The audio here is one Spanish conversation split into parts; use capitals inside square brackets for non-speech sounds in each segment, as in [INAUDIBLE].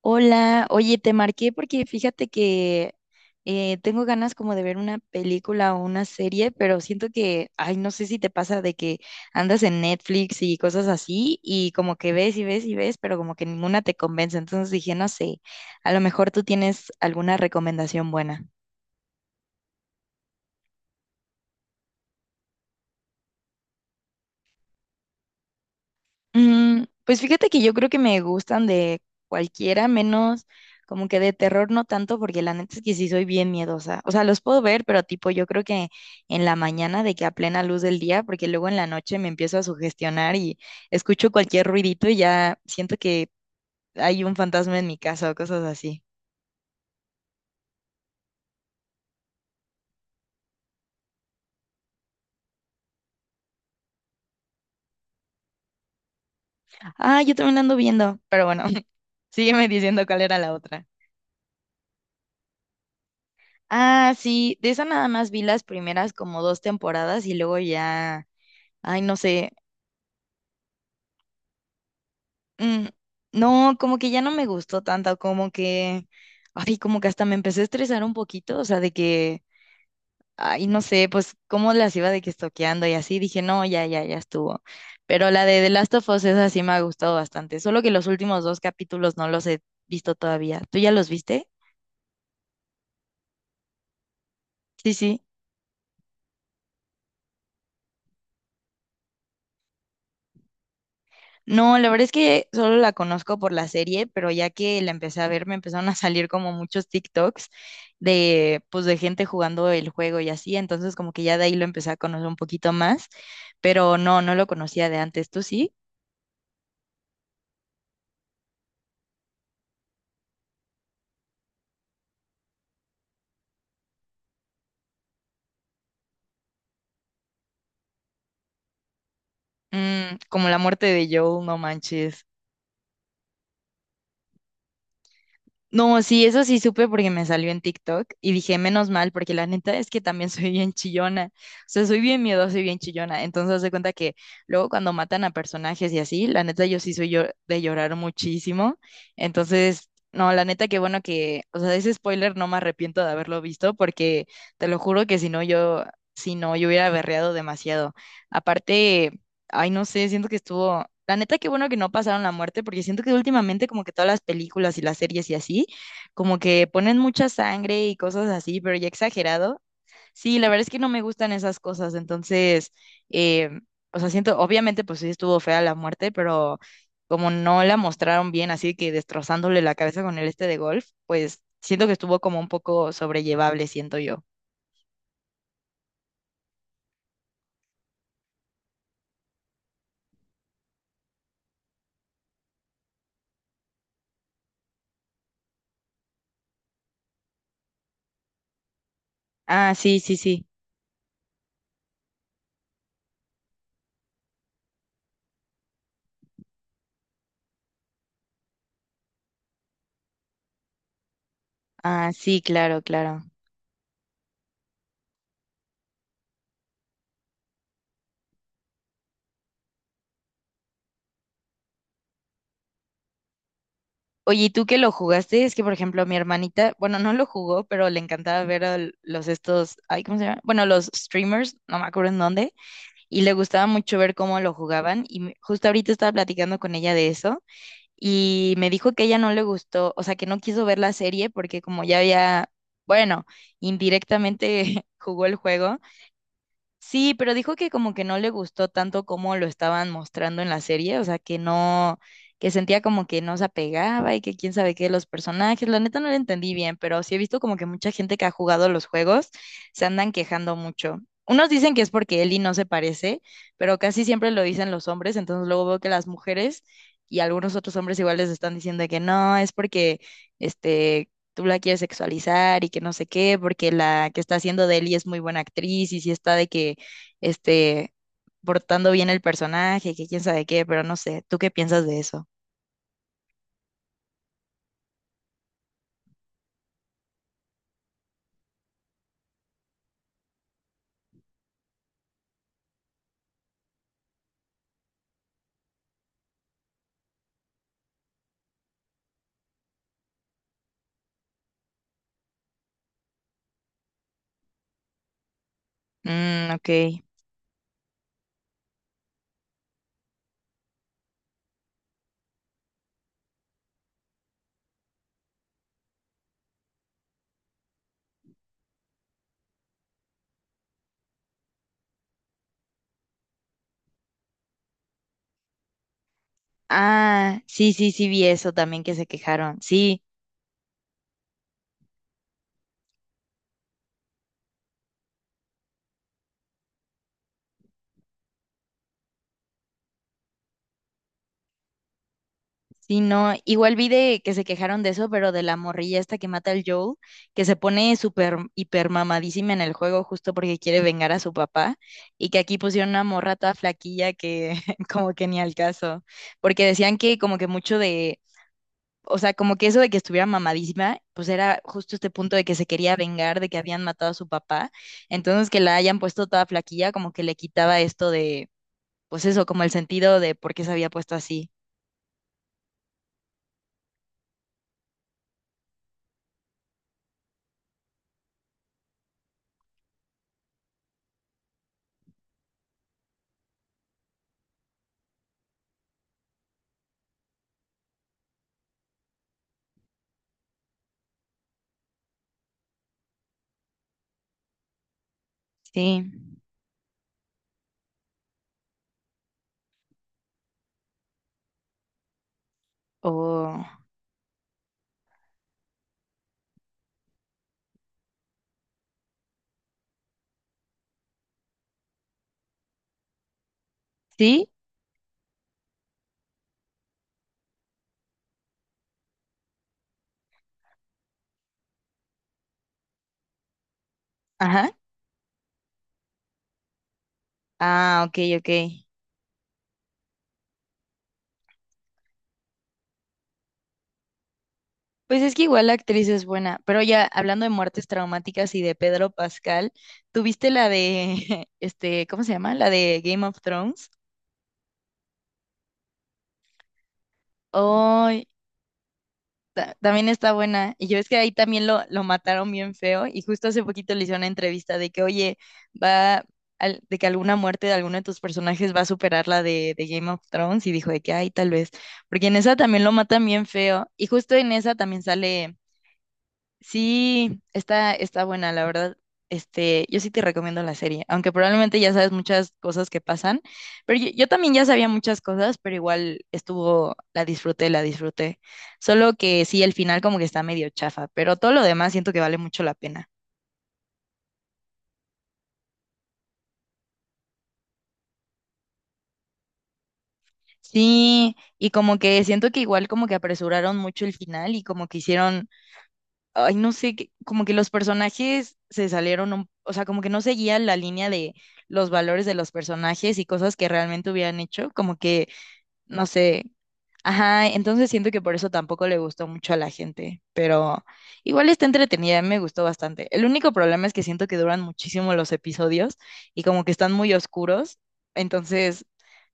Hola, oye, te marqué porque fíjate que tengo ganas como de ver una película o una serie, pero siento que, ay, no sé si te pasa de que andas en Netflix y cosas así y como que ves y ves y ves, pero como que ninguna te convence. Entonces dije, no sé, a lo mejor tú tienes alguna recomendación buena. Mm, pues fíjate que yo creo que me gustan de cualquiera, menos como que de terror no tanto, porque la neta es que sí soy bien miedosa. O sea, los puedo ver, pero tipo yo creo que en la mañana de que a plena luz del día, porque luego en la noche me empiezo a sugestionar y escucho cualquier ruidito y ya siento que hay un fantasma en mi casa o cosas así. Ah, yo también la ando viendo, pero bueno, [LAUGHS] sígueme diciendo cuál era la otra. Ah, sí, de esa nada más vi las primeras como dos temporadas y luego ya, ay, no sé. Mm, no, como que ya no me gustó tanto, como que, ay, como que hasta me empecé a estresar un poquito, o sea, de que, ay, no sé, pues cómo las iba de que estoqueando y así, dije, no, ya, ya, ya estuvo. Pero la de The Last of Us, esa sí me ha gustado bastante, solo que los últimos dos capítulos no los he visto todavía. ¿Tú ya los viste? Sí, sí. No, la verdad es que solo la conozco por la serie, pero ya que la empecé a ver, me empezaron a salir como muchos TikToks de, pues, de gente jugando el juego y así, entonces como que ya de ahí lo empecé a conocer un poquito más, pero no, no lo conocía de antes, ¿tú sí? Mm, como la muerte de Joel, no manches. No, sí, eso sí supe porque me salió en TikTok y dije, menos mal, porque la neta es que también [LAUGHS] soy bien chillona. O sea, soy bien miedosa y bien chillona. Entonces, haz de cuenta que luego cuando matan a personajes y así, la neta yo sí soy yo de llorar muchísimo. Entonces, no, la neta que bueno que, o sea, de ese spoiler no me arrepiento de haberlo visto porque te lo juro que si no yo, si no, yo hubiera berreado demasiado. Aparte. Ay, no sé, siento que estuvo. La neta, qué bueno que no pasaron la muerte, porque siento que últimamente, como que todas las películas y las series y así, como que ponen mucha sangre y cosas así, pero ya exagerado. Sí, la verdad es que no me gustan esas cosas, entonces, eh, o sea, siento, obviamente, pues sí estuvo fea la muerte, pero como no la mostraron bien, así que destrozándole la cabeza con el este de golf, pues siento que estuvo como un poco sobrellevable, siento yo. Ah, sí, sí, sí. Ah, sí, claro, claro. Oye, ¿y tú que lo jugaste? Es que, por ejemplo, mi hermanita, bueno, no lo jugó, pero le encantaba ver a los estos, ay, ¿cómo se llama? Bueno, los streamers, no me acuerdo en dónde, y le gustaba mucho ver cómo lo jugaban. Y justo ahorita estaba platicando con ella de eso, y me dijo que ella no le gustó, o sea, que no quiso ver la serie porque como ya había, bueno, indirectamente [LAUGHS] jugó el juego. Sí, pero dijo que como que no le gustó tanto como lo estaban mostrando en la serie, o sea, que no, que sentía como que no se apegaba y que quién sabe qué de los personajes, la neta no lo entendí bien, pero sí he visto como que mucha gente que ha jugado los juegos se andan quejando mucho. Unos dicen que es porque Ellie no se parece, pero casi siempre lo dicen los hombres, entonces luego veo que las mujeres y algunos otros hombres igual les están diciendo de que no, es porque este tú la quieres sexualizar y que no sé qué, porque la que está haciendo de Ellie es muy buena actriz y si está de que, este, portando bien el personaje, que quién sabe qué, pero no sé, ¿tú qué piensas de eso? Mm, ok. Ah, sí, sí, sí vi eso también que se quejaron. Sí. Sí, no, igual vi de que se quejaron de eso, pero de la morrilla esta que mata al Joel, que se pone súper hiper mamadísima en el juego justo porque quiere vengar a su papá, y que aquí pusieron una morra toda flaquilla que [LAUGHS] como que ni al caso, porque decían que como que mucho de, o sea, como que eso de que estuviera mamadísima, pues era justo este punto de que se quería vengar de que habían matado a su papá, entonces que la hayan puesto toda flaquilla como que le quitaba esto de, pues eso, como el sentido de por qué se había puesto así. Sí, o ¿sí? Ajá. Ah, ok, ok. Pues es que igual la actriz es buena, pero ya hablando de muertes traumáticas y de Pedro Pascal, ¿tuviste la de, [LAUGHS] este, ¿cómo se llama? La de Game of Thrones. Ay, también está buena. Y yo es que ahí también lo mataron bien feo y justo hace poquito le hice una entrevista de que, oye, va, de que alguna muerte de alguno de tus personajes va a superar la de Game of Thrones y dijo de que, ay, tal vez, porque en esa también lo matan bien feo y justo en esa también sale... Sí, está, está buena, la verdad. Este, yo sí te recomiendo la serie, aunque probablemente ya sabes muchas cosas que pasan, pero yo también ya sabía muchas cosas, pero igual estuvo, la disfruté, la disfruté. Solo que sí, el final como que está medio chafa, pero todo lo demás siento que vale mucho la pena. Sí, y como que siento que igual como que apresuraron mucho el final y como que hicieron ay, no sé, como que los personajes se salieron, o sea, como que no seguían la línea de los valores de los personajes y cosas que realmente hubieran hecho, como que, no sé, ajá, entonces siento que por eso tampoco le gustó mucho a la gente, pero igual está entretenida, me gustó bastante. El único problema es que siento que duran muchísimo los episodios y como que están muy oscuros, entonces...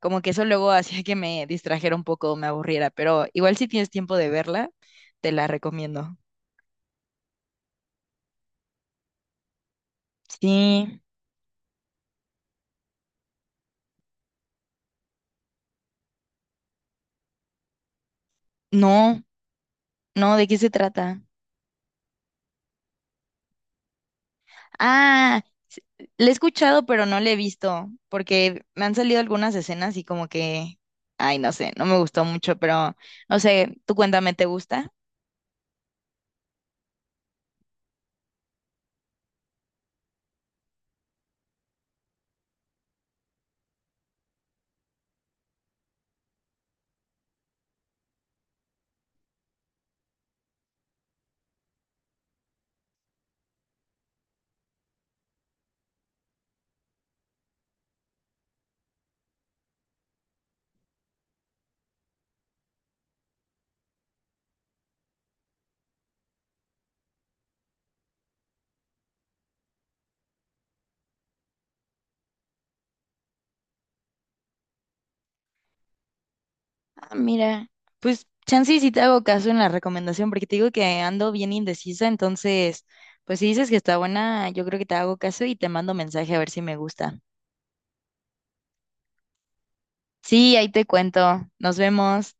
Como que eso luego [LAUGHS] hacía que me distrajera un poco, me aburriera, pero igual si tienes tiempo de verla, te la recomiendo. Sí. No, no, ¿de qué se trata? Ah, s- la he escuchado, pero no la he visto, porque me han salido algunas escenas y como que, ay, no sé, no me gustó mucho, pero no sé, tú cuéntame, ¿te gusta? Ah, mira, pues chance y si te hago caso en la recomendación, porque te digo que ando bien indecisa, entonces, pues si dices que está buena, yo creo que te hago caso y te mando mensaje a ver si me gusta. Sí, ahí te cuento. Nos vemos.